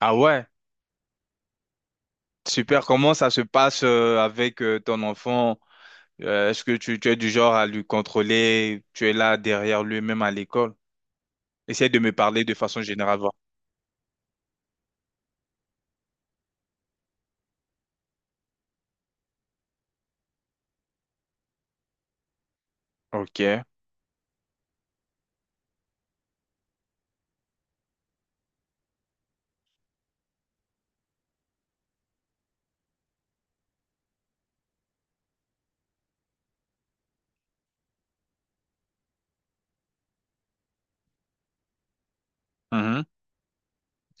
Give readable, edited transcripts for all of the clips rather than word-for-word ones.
Ah ouais, super. Comment ça se passe avec ton enfant? Est-ce que tu es du genre à lui contrôler? Tu es là derrière lui, même à l'école? Essaye de me parler de façon générale, voir. Ok. Mhm.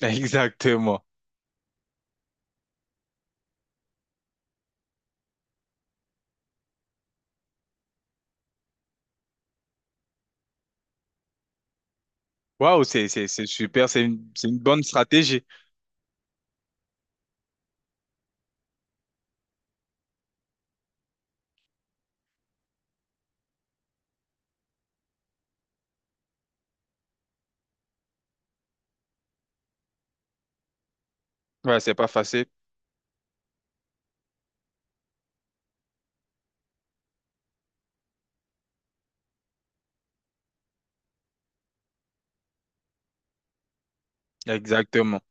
Exactement. Waouh, c'est super. C'est une bonne stratégie. Ouais, c'est pas facile. Exactement.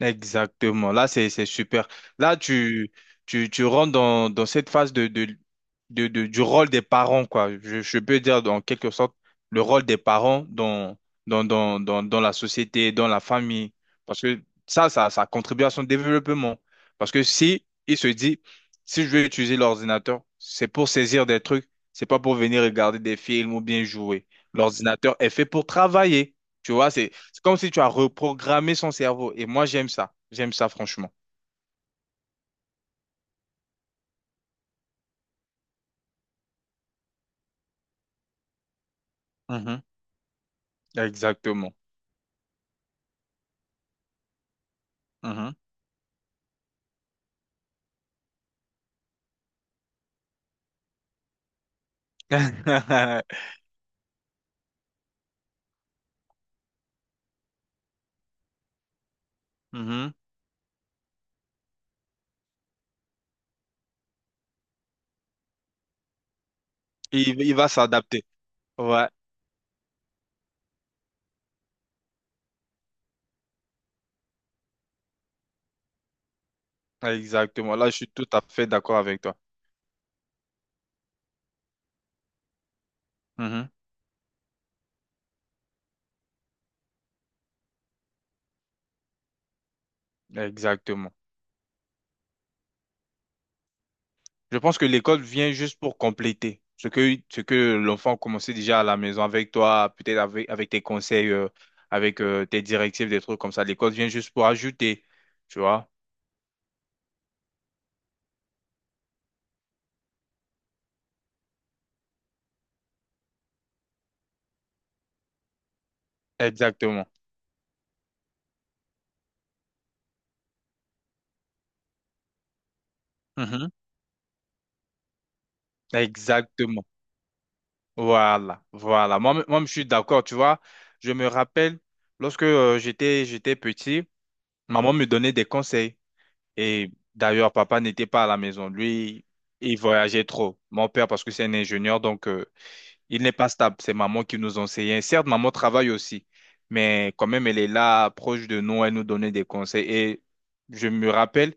Exactement. Là, c'est super. Là, tu rentres dans cette phase du rôle des parents, quoi. Je peux dire, en quelque sorte, le rôle des parents dans la société, dans la famille. Parce que ça contribue à son développement. Parce que si il se dit, si je vais utiliser l'ordinateur, c'est pour saisir des trucs, c'est pas pour venir regarder des films ou bien jouer. L'ordinateur est fait pour travailler. Tu vois, c'est comme si tu as reprogrammé son cerveau. Et moi, j'aime ça. J'aime ça, franchement. Mhm. Exactement. Mhm. Mhm. Il va s'adapter. Ouais, exactement. Là, je suis tout à fait d'accord avec toi. Mhm. Exactement. Je pense que l'école vient juste pour compléter ce que l'enfant commençait déjà à la maison avec toi, peut-être avec tes conseils, avec tes directives, des trucs comme ça. L'école vient juste pour ajouter, tu vois. Exactement. Mhm. Exactement. Voilà, voilà. Moi, je suis d'accord, tu vois. Je me rappelle, lorsque j'étais petit, maman me donnait des conseils. Et d'ailleurs, papa n'était pas à la maison. Lui, il voyageait trop. Mon père, parce que c'est un ingénieur, donc il n'est pas stable. C'est maman qui nous enseignait. Certes, maman travaille aussi, mais quand même, elle est là, proche de nous, elle nous donnait des conseils. Et je me rappelle,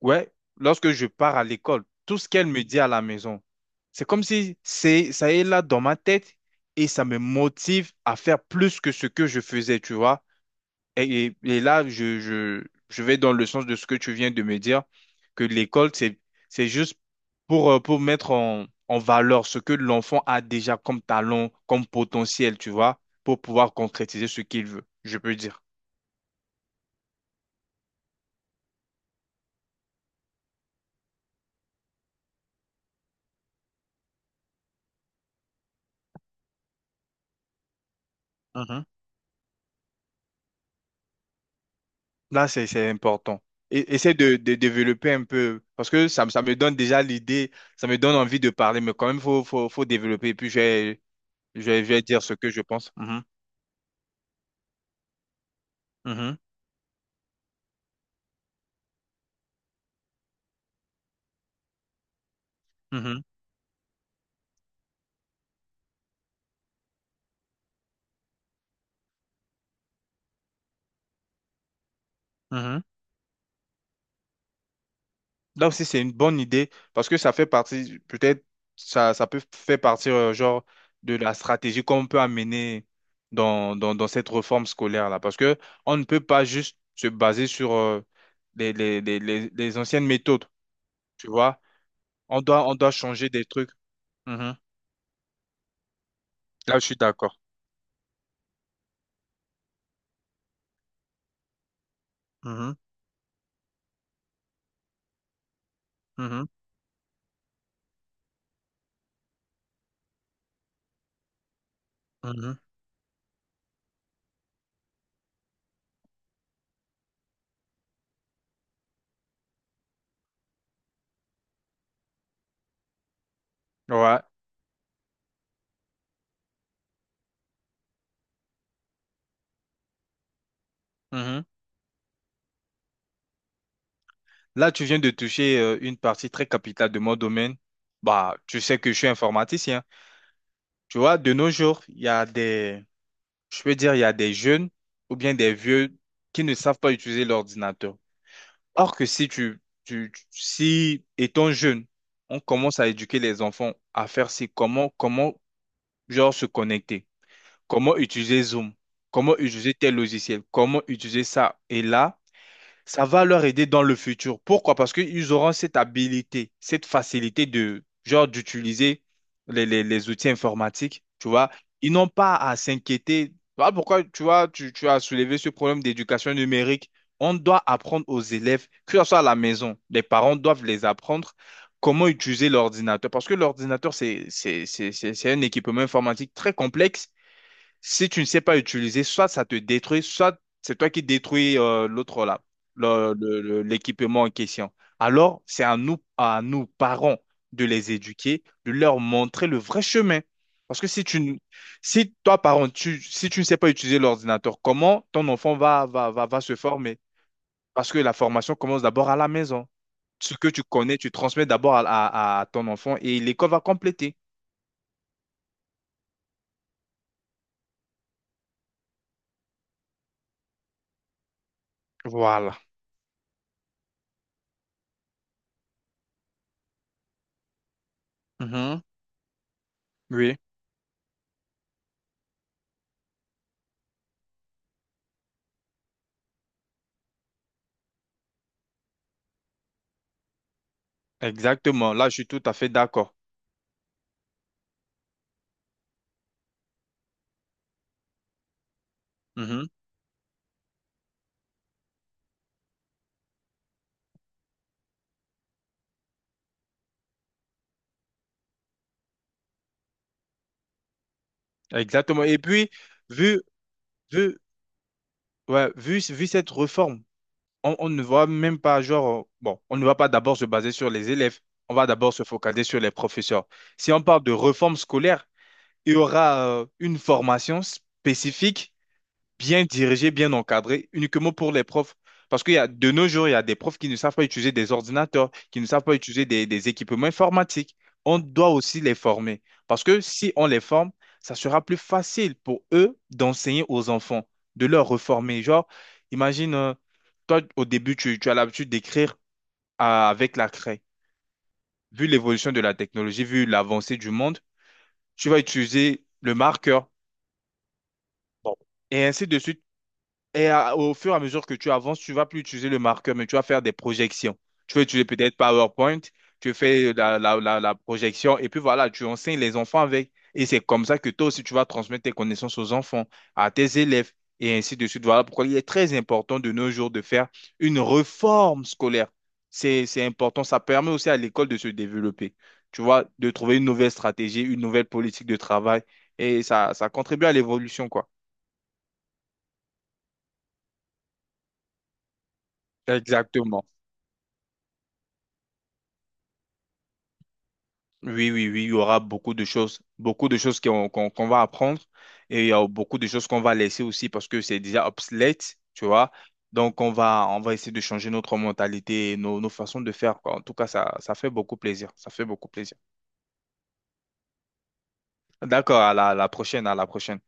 ouais, lorsque je pars à l'école, tout ce qu'elle me dit à la maison, c'est comme si ça est là dans ma tête et ça me motive à faire plus que ce que je faisais, tu vois. Et là, je vais dans le sens de ce que tu viens de me dire, que l'école, c'est juste pour mettre en, en valeur ce que l'enfant a déjà comme talent, comme potentiel, tu vois, pour pouvoir concrétiser ce qu'il veut, je peux dire. Là, c'est important. Et, essaie de développer un peu, parce que ça me donne déjà l'idée, ça me donne envie de parler, mais quand même, faut développer. Et puis, je vais dire ce que je pense. Mhm, mhm, mhm, mhm. Là aussi, c'est une bonne idée, parce que ça fait partie, peut-être, ça peut faire partie, genre, de la stratégie qu'on peut amener dans cette réforme scolaire-là. Parce que on ne peut pas juste se baser sur les anciennes méthodes, tu vois. On doit changer des trucs. Mhm. Là, je suis d'accord. Mhm. Mhm. Mhm. Ouais. Mhm. Là, tu viens de toucher une partie très capitale de mon domaine. Bah, tu sais que je suis informaticien. Tu vois, de nos jours, il y a des, je peux dire, il y a des jeunes ou bien des vieux qui ne savent pas utiliser l'ordinateur. Or que si si étant jeune, on commence à éduquer les enfants à faire c'est comment, genre se connecter, comment utiliser Zoom, comment utiliser tel logiciel, comment utiliser ça. Et là, ça va leur aider dans le futur. Pourquoi? Parce qu'ils auront cette habilité, cette facilité de, genre, d'utiliser les outils informatiques, tu vois. Ils n'ont pas à s'inquiéter. Voilà pourquoi, tu vois, tu as soulevé ce problème d'éducation numérique. On doit apprendre aux élèves, que ce soit à la maison, les parents doivent les apprendre comment utiliser l'ordinateur. Parce que l'ordinateur, c'est un équipement informatique très complexe si tu ne sais pas utiliser, soit ça te détruit, soit c'est toi qui détruis l'autre là, l'équipement en question. Alors, c'est à nous, parents, de les éduquer, de leur montrer le vrai chemin. Parce que si toi, parent, si tu ne sais pas utiliser l'ordinateur, comment ton enfant va se former? Parce que la formation commence d'abord à la maison. Ce que tu connais, tu transmets d'abord à ton enfant et l'école va compléter. Voilà. Mhm. Oui, exactement. Là, je suis tout à fait d'accord. Mhm. Exactement. Et puis, vu, vu, ouais, vu cette réforme, on ne va même pas, genre, bon, on ne va pas d'abord se baser sur les élèves, on va d'abord se focaliser sur les professeurs. Si on parle de réforme scolaire, il y aura une formation spécifique bien dirigé, bien encadré, uniquement pour les profs. Parce qu'il y a, de nos jours, il y a des profs qui ne savent pas utiliser des ordinateurs, qui ne savent pas utiliser des équipements informatiques. On doit aussi les former. Parce que si on les forme, ça sera plus facile pour eux d'enseigner aux enfants, de leur reformer. Genre, imagine, toi, au début, tu as l'habitude d'écrire avec la craie. Vu l'évolution de la technologie, vu l'avancée du monde, tu vas utiliser le marqueur et ainsi de suite. Et au fur et à mesure que tu avances, tu vas plus utiliser le marqueur, mais tu vas faire des projections. Tu vas utiliser peut-être PowerPoint, tu fais la projection, et puis voilà, tu enseignes les enfants avec. Et c'est comme ça que toi aussi, tu vas transmettre tes connaissances aux enfants, à tes élèves, et ainsi de suite. Voilà pourquoi il est très important de nos jours de faire une réforme scolaire. C'est important. Ça permet aussi à l'école de se développer, tu vois, de trouver une nouvelle stratégie, une nouvelle politique de travail, et ça contribue à l'évolution, quoi. Exactement. Oui, il y aura beaucoup de choses qu'on va apprendre et il y a beaucoup de choses qu'on va laisser aussi parce que c'est déjà obsolète, tu vois. Donc, on va essayer de changer notre mentalité et nos façons de faire, quoi. En tout cas, ça fait beaucoup plaisir. Ça fait beaucoup plaisir. D'accord, à la prochaine, à la prochaine.